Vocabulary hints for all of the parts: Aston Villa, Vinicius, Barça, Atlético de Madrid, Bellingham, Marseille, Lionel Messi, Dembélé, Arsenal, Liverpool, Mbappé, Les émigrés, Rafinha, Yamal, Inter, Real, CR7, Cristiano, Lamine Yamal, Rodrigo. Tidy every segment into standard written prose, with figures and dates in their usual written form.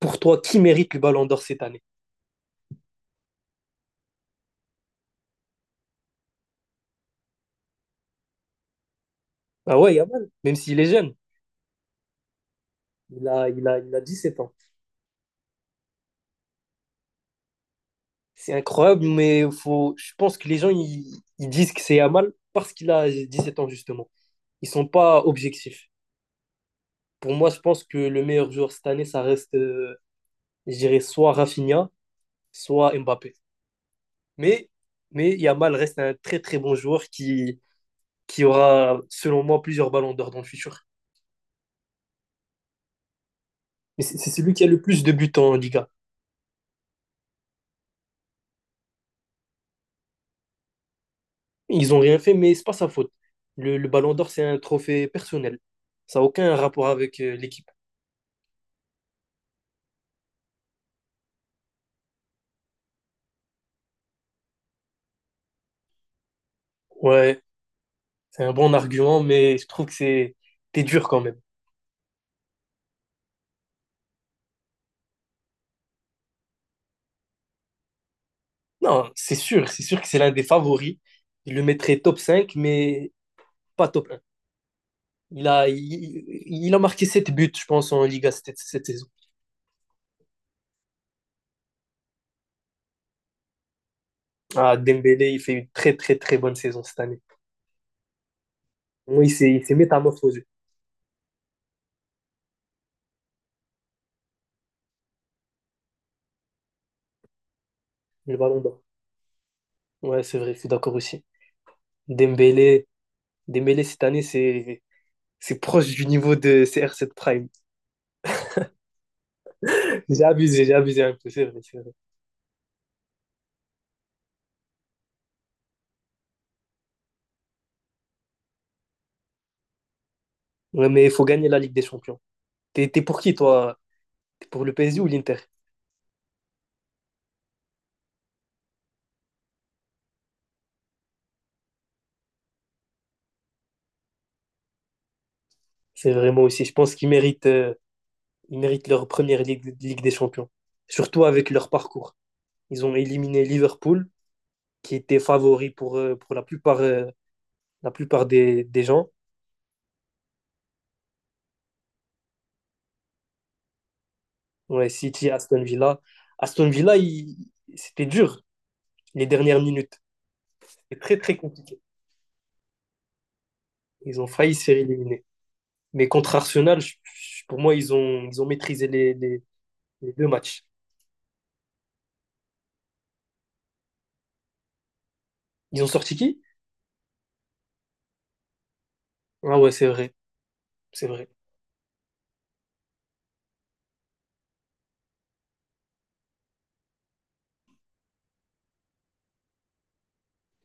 Pour toi, qui mérite le ballon d'or cette année? Ah ouais, Yamal, même s'il est jeune. Il a 17 ans. C'est incroyable, mais faut, je pense que les gens ils disent que c'est Yamal parce qu'il a 17 ans, justement. Ils sont pas objectifs. Pour moi, je pense que le meilleur joueur cette année, ça reste, je dirais, soit Rafinha, soit Mbappé. Mais, mais Yamal reste un très très bon joueur qui aura, selon moi, plusieurs ballons d'or dans le futur. Mais c'est celui qui a le plus de buts en Liga. Ils ont rien fait, mais c'est pas sa faute. Le Ballon d'Or, c'est un trophée personnel. Ça n'a aucun rapport avec l'équipe. Ouais, c'est un bon argument, mais je trouve que c'est t'es dur quand même. Non, c'est sûr que c'est l'un des favoris. Il le mettrait top 5 mais pas top un. Il a marqué 7 buts, je pense, en Liga cette saison. Ah, Dembélé, il fait une très, très, très bonne saison cette année. Moi, il s'est métamorphosé. Le Ballon d'Or. Ouais, c'est vrai, je suis d'accord aussi. Dembélé, Dembélé cette année, c'est proche du niveau de CR7 Prime. J'ai abusé un peu, c'est vrai, c'est vrai. Ouais, mais il faut gagner la Ligue des Champions. T'es pour qui, toi? T'es pour le PSG ou l'Inter? C'est vraiment aussi, je pense qu'ils méritent leur première Ligue des Champions. Surtout avec leur parcours. Ils ont éliminé Liverpool, qui était favori pour la plupart des gens. Ouais, City, Aston Villa. Aston Villa, il- C'était dur, les dernières minutes. C'était très, très compliqué. Ils ont failli se faire éliminer. Mais contre Arsenal, pour moi, ils ont maîtrisé les deux matchs. Ils ont sorti qui? Ah ouais, c'est vrai, c'est vrai.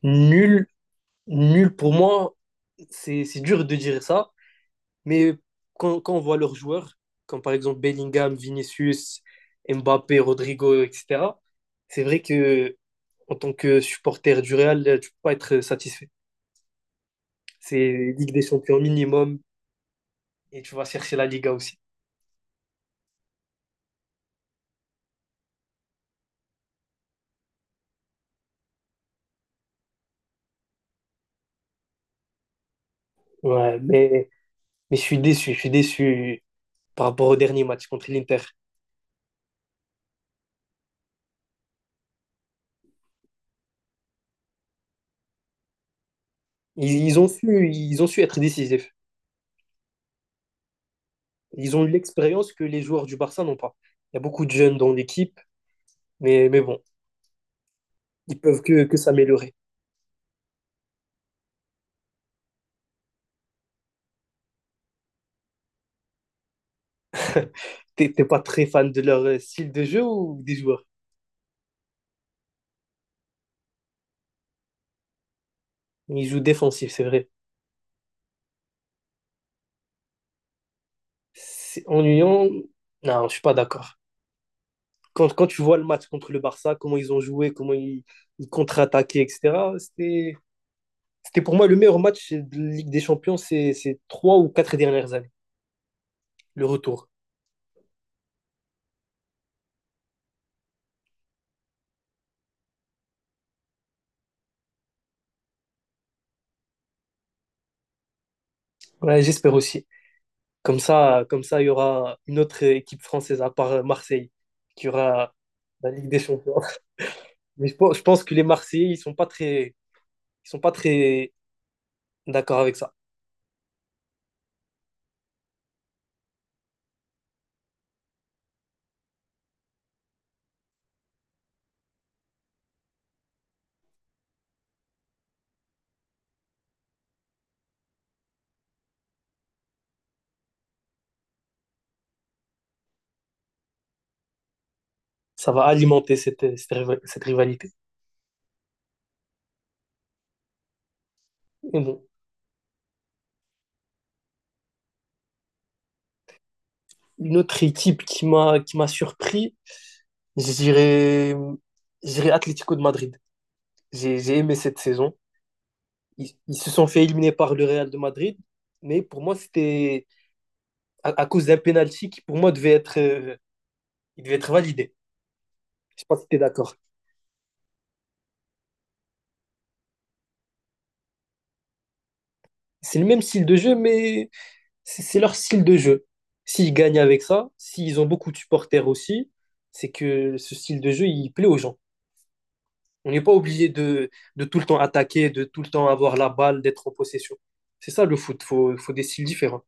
Nul, nul pour moi, c'est dur de dire ça, mais quand on voit leurs joueurs, comme par exemple Bellingham, Vinicius, Mbappé, Rodrigo, etc., c'est vrai que en tant que supporter du Real, tu peux pas être satisfait. C'est Ligue des Champions minimum et tu vas chercher la Liga aussi. Ouais, mais je suis déçu, je suis déçu par rapport au dernier match contre l'Inter. Ils ont su être décisifs. Ils ont eu l'expérience que les joueurs du Barça n'ont pas. Il y a beaucoup de jeunes dans l'équipe, mais bon, ils peuvent que s'améliorer. T'es pas très fan de leur style de jeu ou des joueurs? Ils jouent défensif, c'est vrai. C'est ennuyant. Non, je suis pas d'accord. Quand tu vois le match contre le Barça, comment ils ont joué, comment ils contre-attaquaient, etc., c'était pour moi le meilleur match de Ligue des Champions ces 3 ou 4 dernières années, le retour. Ouais, j'espère aussi. Comme ça, il y aura une autre équipe française à part Marseille qui aura la Ligue des Champions. Mais je pense que les Marseillais, ils sont pas très d'accord avec ça. Ça va alimenter cette rivalité. Et bon, une autre équipe qui m'a surpris, je dirais, je dirais Atlético de Madrid. J'ai aimé cette saison. Ils se sont fait éliminer par le Real de Madrid, mais pour moi, c'était à cause d'un penalty qui, pour moi, il devait être validé. Je sais pas si t'es d'accord. C'est le même style de jeu, mais c'est leur style de jeu. S'ils gagnent avec ça, s'ils ont beaucoup de supporters aussi, c'est que ce style de jeu, il plaît aux gens. On n'est pas obligé de tout le temps attaquer, de tout le temps avoir la balle, d'être en possession. C'est ça le foot, faut des styles différents.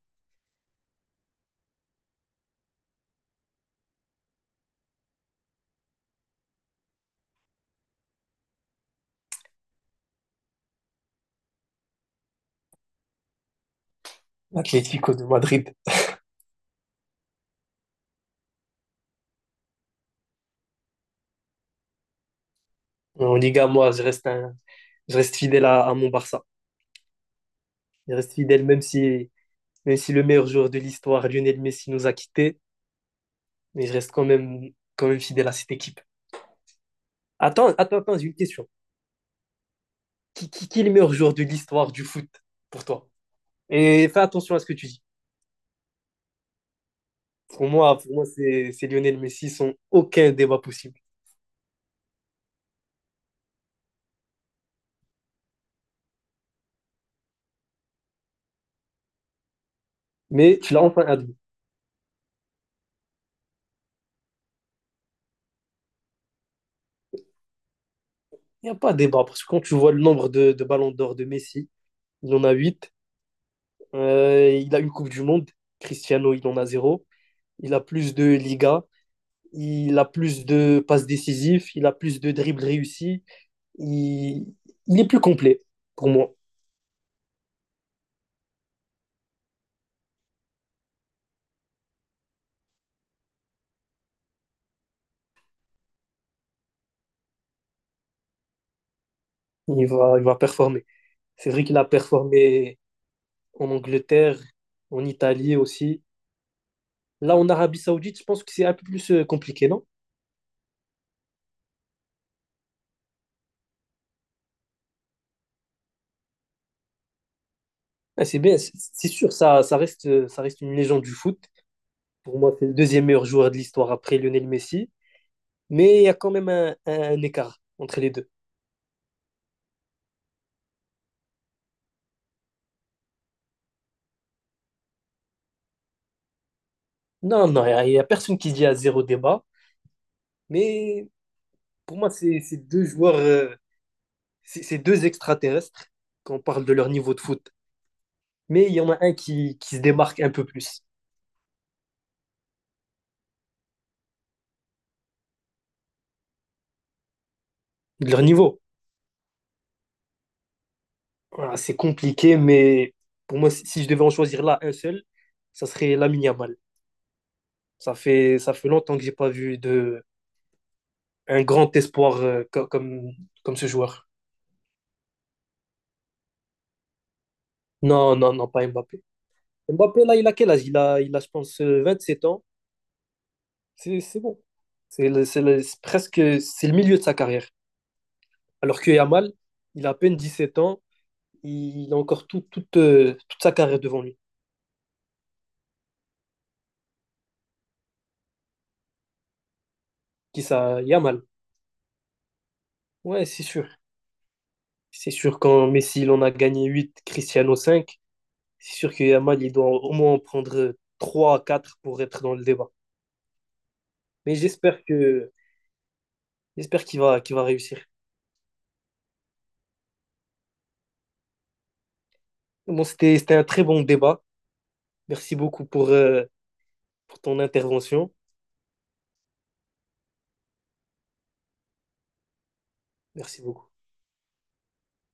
Atlético de Madrid. En Liga, moi, je reste fidèle à mon Barça. Je reste fidèle, même si le meilleur joueur de l'histoire, Lionel Messi, nous a quittés, mais je reste quand même fidèle à cette équipe. Attends, attends, attends, j'ai une question. Qui est le meilleur joueur de l'histoire du foot pour toi? Et fais attention à ce que tu dis. Pour moi, c'est Lionel Messi sans aucun débat possible. Mais tu l'as enfin admis. Il n'y a pas de débat parce que quand tu vois le nombre de ballons d'or de Messi, il en a 8. Il a une Coupe du Monde. Cristiano, il en a zéro. Il a plus de Liga. Il a plus de passes décisives. Il a plus de dribbles réussis. Il, il est plus complet pour moi. Il va performer. C'est vrai qu'il a performé en Angleterre, en Italie aussi. Là, en Arabie Saoudite, je pense que c'est un peu plus compliqué, non? Ah, c'est bien, c'est sûr, ça reste une légende du foot. Pour moi, c'est le deuxième meilleur joueur de l'histoire après Lionel Messi. Mais il y a quand même un écart entre les deux. Non, non, il y a personne qui dit à zéro débat. Mais pour moi, c'est deux joueurs, c'est deux extraterrestres quand on parle de leur niveau de foot. Mais il y en a un qui se démarque un peu plus de leur niveau. Voilà, c'est compliqué, mais pour moi, si je devais en choisir là un seul, ça serait Lamine Yamal. Ça fait longtemps que j'ai pas vu un grand espoir comme ce joueur. Non, non, non, pas Mbappé. Mbappé, là, il a quel âge? Il a, je pense, 7 ans. C'est bon. C'est le milieu de sa carrière. Alors que Yamal, il a à peine 7 ans. Il a encore toute sa carrière devant lui. Qui ça? Yamal. Ouais, c'est sûr. C'est sûr, quand Messi, il en a gagné huit, Cristiano cinq, c'est sûr que Yamal, il doit au moins en prendre trois à 4 pour être dans le débat. Mais j'espère qu'il va réussir. Bon, c'était un très bon débat. Merci beaucoup pour ton intervention. Merci beaucoup.